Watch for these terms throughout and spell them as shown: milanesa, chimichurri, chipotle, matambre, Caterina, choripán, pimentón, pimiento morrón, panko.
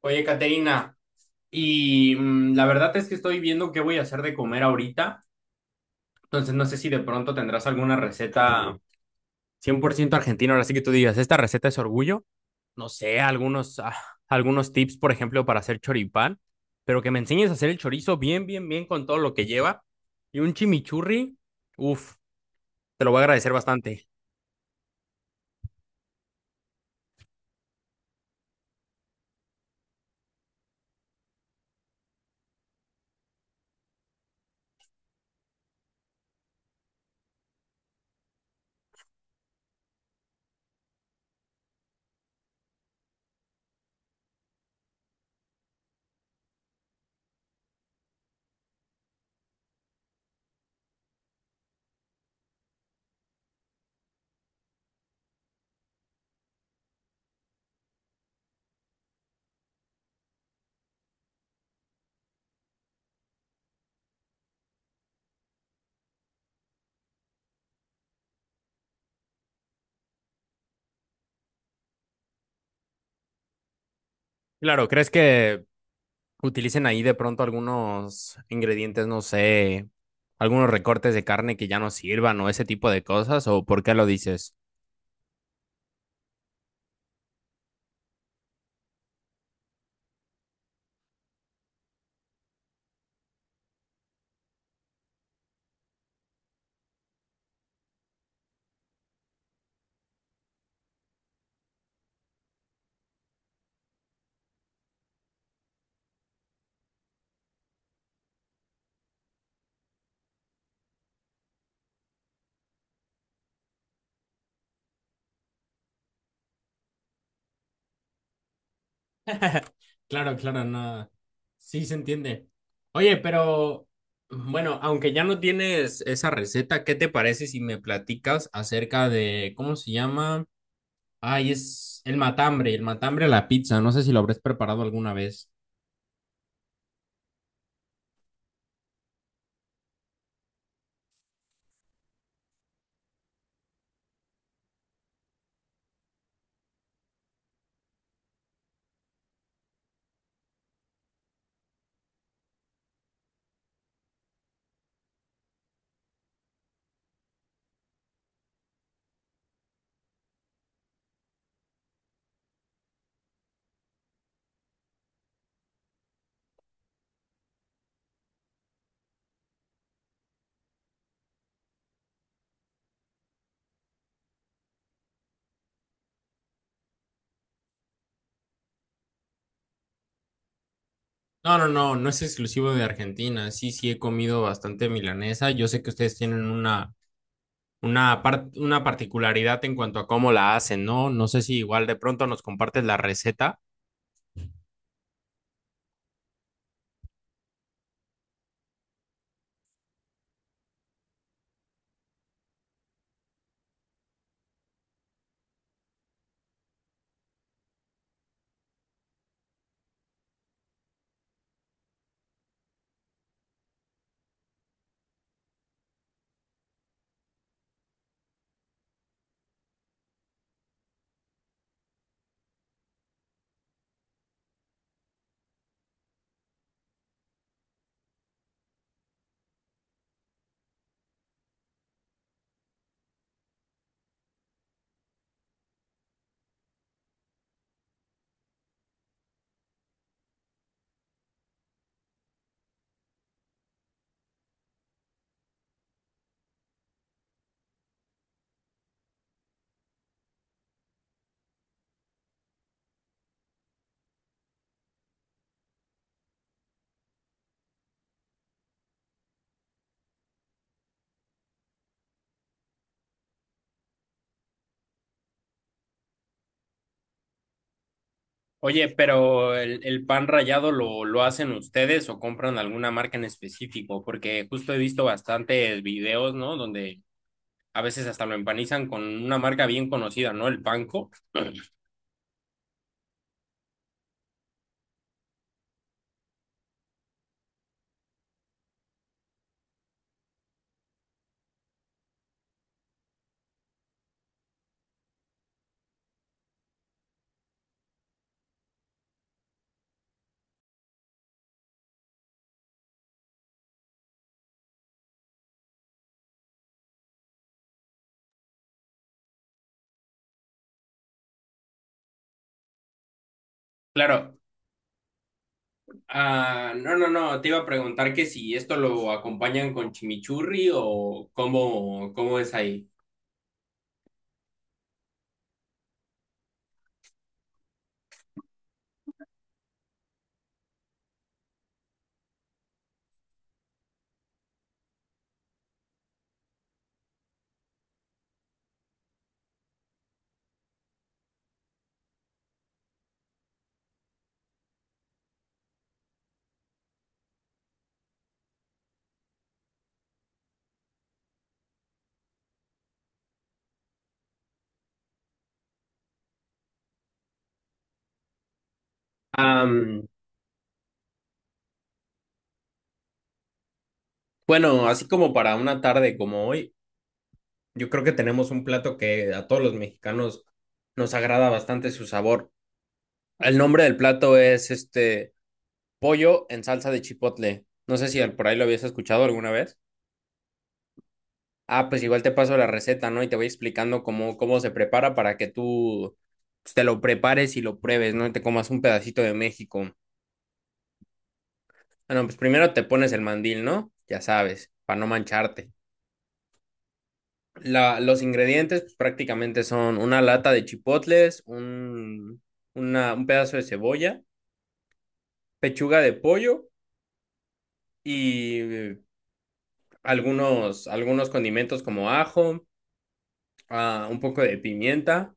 Oye, Caterina, y la verdad es que estoy viendo qué voy a hacer de comer ahorita, entonces no sé si de pronto tendrás alguna receta 100% argentina, ahora sí que tú digas, esta receta es orgullo, no sé, algunos, algunos tips, por ejemplo, para hacer choripán, pero que me enseñes a hacer el chorizo bien, bien, bien con todo lo que lleva, y un chimichurri, uff, te lo voy a agradecer bastante. Claro, ¿crees que utilicen ahí de pronto algunos ingredientes, no sé, algunos recortes de carne que ya no sirvan o ese tipo de cosas, o por qué lo dices? Claro, claro, no. Sí se entiende. Oye, pero bueno, aunque ya no tienes esa receta, ¿qué te parece si me platicas acerca de cómo se llama? Ay, es el matambre a la pizza. No sé si lo habrás preparado alguna vez. No, no, no, no es exclusivo de Argentina. Sí, sí he comido bastante milanesa. Yo sé que ustedes tienen una particularidad en cuanto a cómo la hacen, ¿no? No sé si igual de pronto nos compartes la receta. Oye, pero el pan rallado lo hacen ustedes o compran alguna marca en específico, porque justo he visto bastantes videos, ¿no? Donde a veces hasta lo empanizan con una marca bien conocida, ¿no? El panko. Claro. Ah, no, no, no, te iba a preguntar que si esto lo acompañan con chimichurri o cómo, cómo es ahí. Am, bueno, así como para una tarde como hoy, yo creo que tenemos un plato que a todos los mexicanos nos agrada bastante su sabor. El nombre del plato es este pollo en salsa de chipotle. No sé si al- por ahí lo habías escuchado alguna vez. Ah, pues igual te paso la receta, ¿no? Y te voy explicando cómo, cómo se prepara para que tú pues, te lo prepares y lo pruebes, ¿no? Y te comas un pedacito de México. Bueno, pues primero te pones el mandil, ¿no? Ya sabes, para no mancharte. La, los ingredientes pues, prácticamente son una lata de chipotles, un pedazo de cebolla, pechuga de pollo y algunos, algunos condimentos como ajo, ah, un poco de pimienta.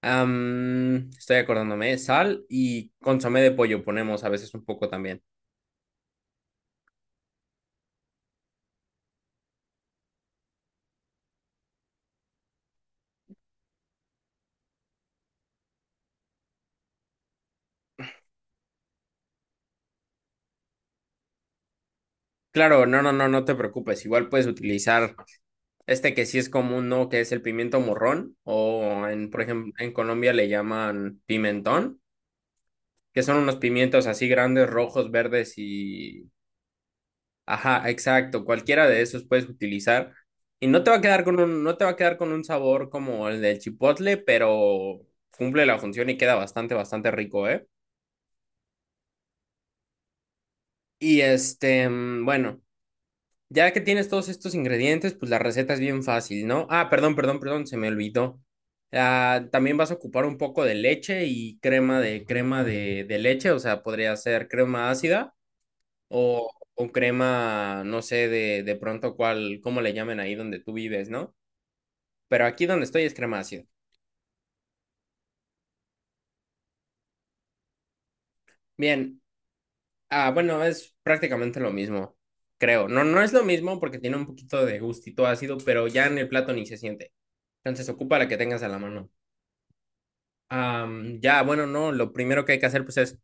Estoy acordándome, sal y consomé de pollo ponemos a veces un poco también. Claro, no, no, no, no te preocupes. Igual puedes utilizar este que sí es común, ¿no? Que es el pimiento morrón o en, por ejemplo, en Colombia le llaman pimentón, que son unos pimientos así grandes, rojos, verdes y... Ajá, exacto, cualquiera de esos puedes utilizar y no te va a quedar con un, no te va a quedar con un sabor como el del chipotle, pero cumple la función y queda bastante, bastante rico, ¿eh? Y este, bueno, ya que tienes todos estos ingredientes, pues la receta es bien fácil, ¿no? Ah, perdón, perdón, perdón, se me olvidó. Ah, también vas a ocupar un poco de leche y crema de leche, o sea, podría ser crema ácida. O crema, no sé de pronto cuál, cómo le llamen ahí donde tú vives, ¿no? Pero aquí donde estoy es crema ácida. Bien, ah, bueno, es prácticamente lo mismo, creo. No, no es lo mismo porque tiene un poquito de gustito ácido, pero ya en el plato ni se siente. Entonces ocupa la que tengas a la mano. Ya, bueno, no, lo primero que hay que hacer pues es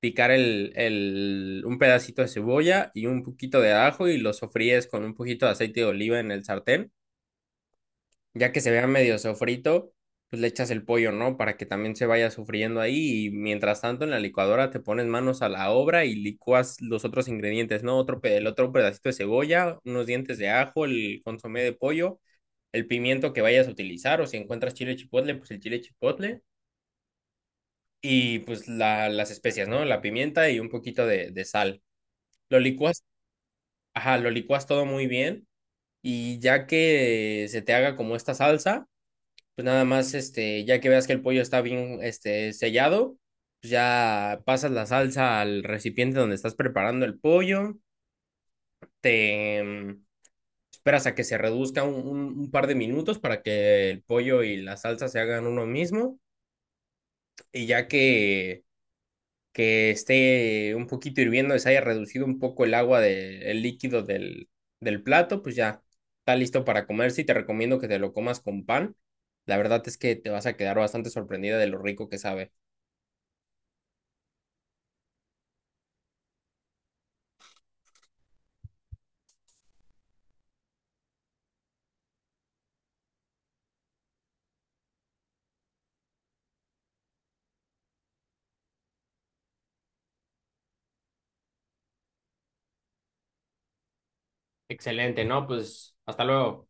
picar un pedacito de cebolla y un poquito de ajo y lo sofríes con un poquito de aceite de oliva en el sartén. Ya que se vea medio sofrito, pues le echas el pollo, ¿no? Para que también se vaya sufriendo ahí y mientras tanto en la licuadora te pones manos a la obra y licúas los otros ingredientes, ¿no? El otro pedacito de cebolla, unos dientes de ajo, el consomé de pollo, el pimiento que vayas a utilizar o si encuentras chile chipotle, pues el chile chipotle y pues la- las especias, ¿no? La pimienta y un poquito de sal. Lo licuas, ajá, lo licuas todo muy bien y ya que se te haga como esta salsa pues nada más, este, ya que veas que el pollo está bien, este, sellado, pues ya pasas la salsa al recipiente donde estás preparando el pollo, te esperas a que se reduzca un par de minutos para que el pollo y la salsa se hagan uno mismo, y ya que esté un poquito hirviendo, se haya reducido un poco el agua de- el líquido del plato, pues ya está listo para comerse y te recomiendo que te lo comas con pan. La verdad es que te vas a quedar bastante sorprendida de lo rico que sabe. Excelente, ¿no? Pues hasta luego.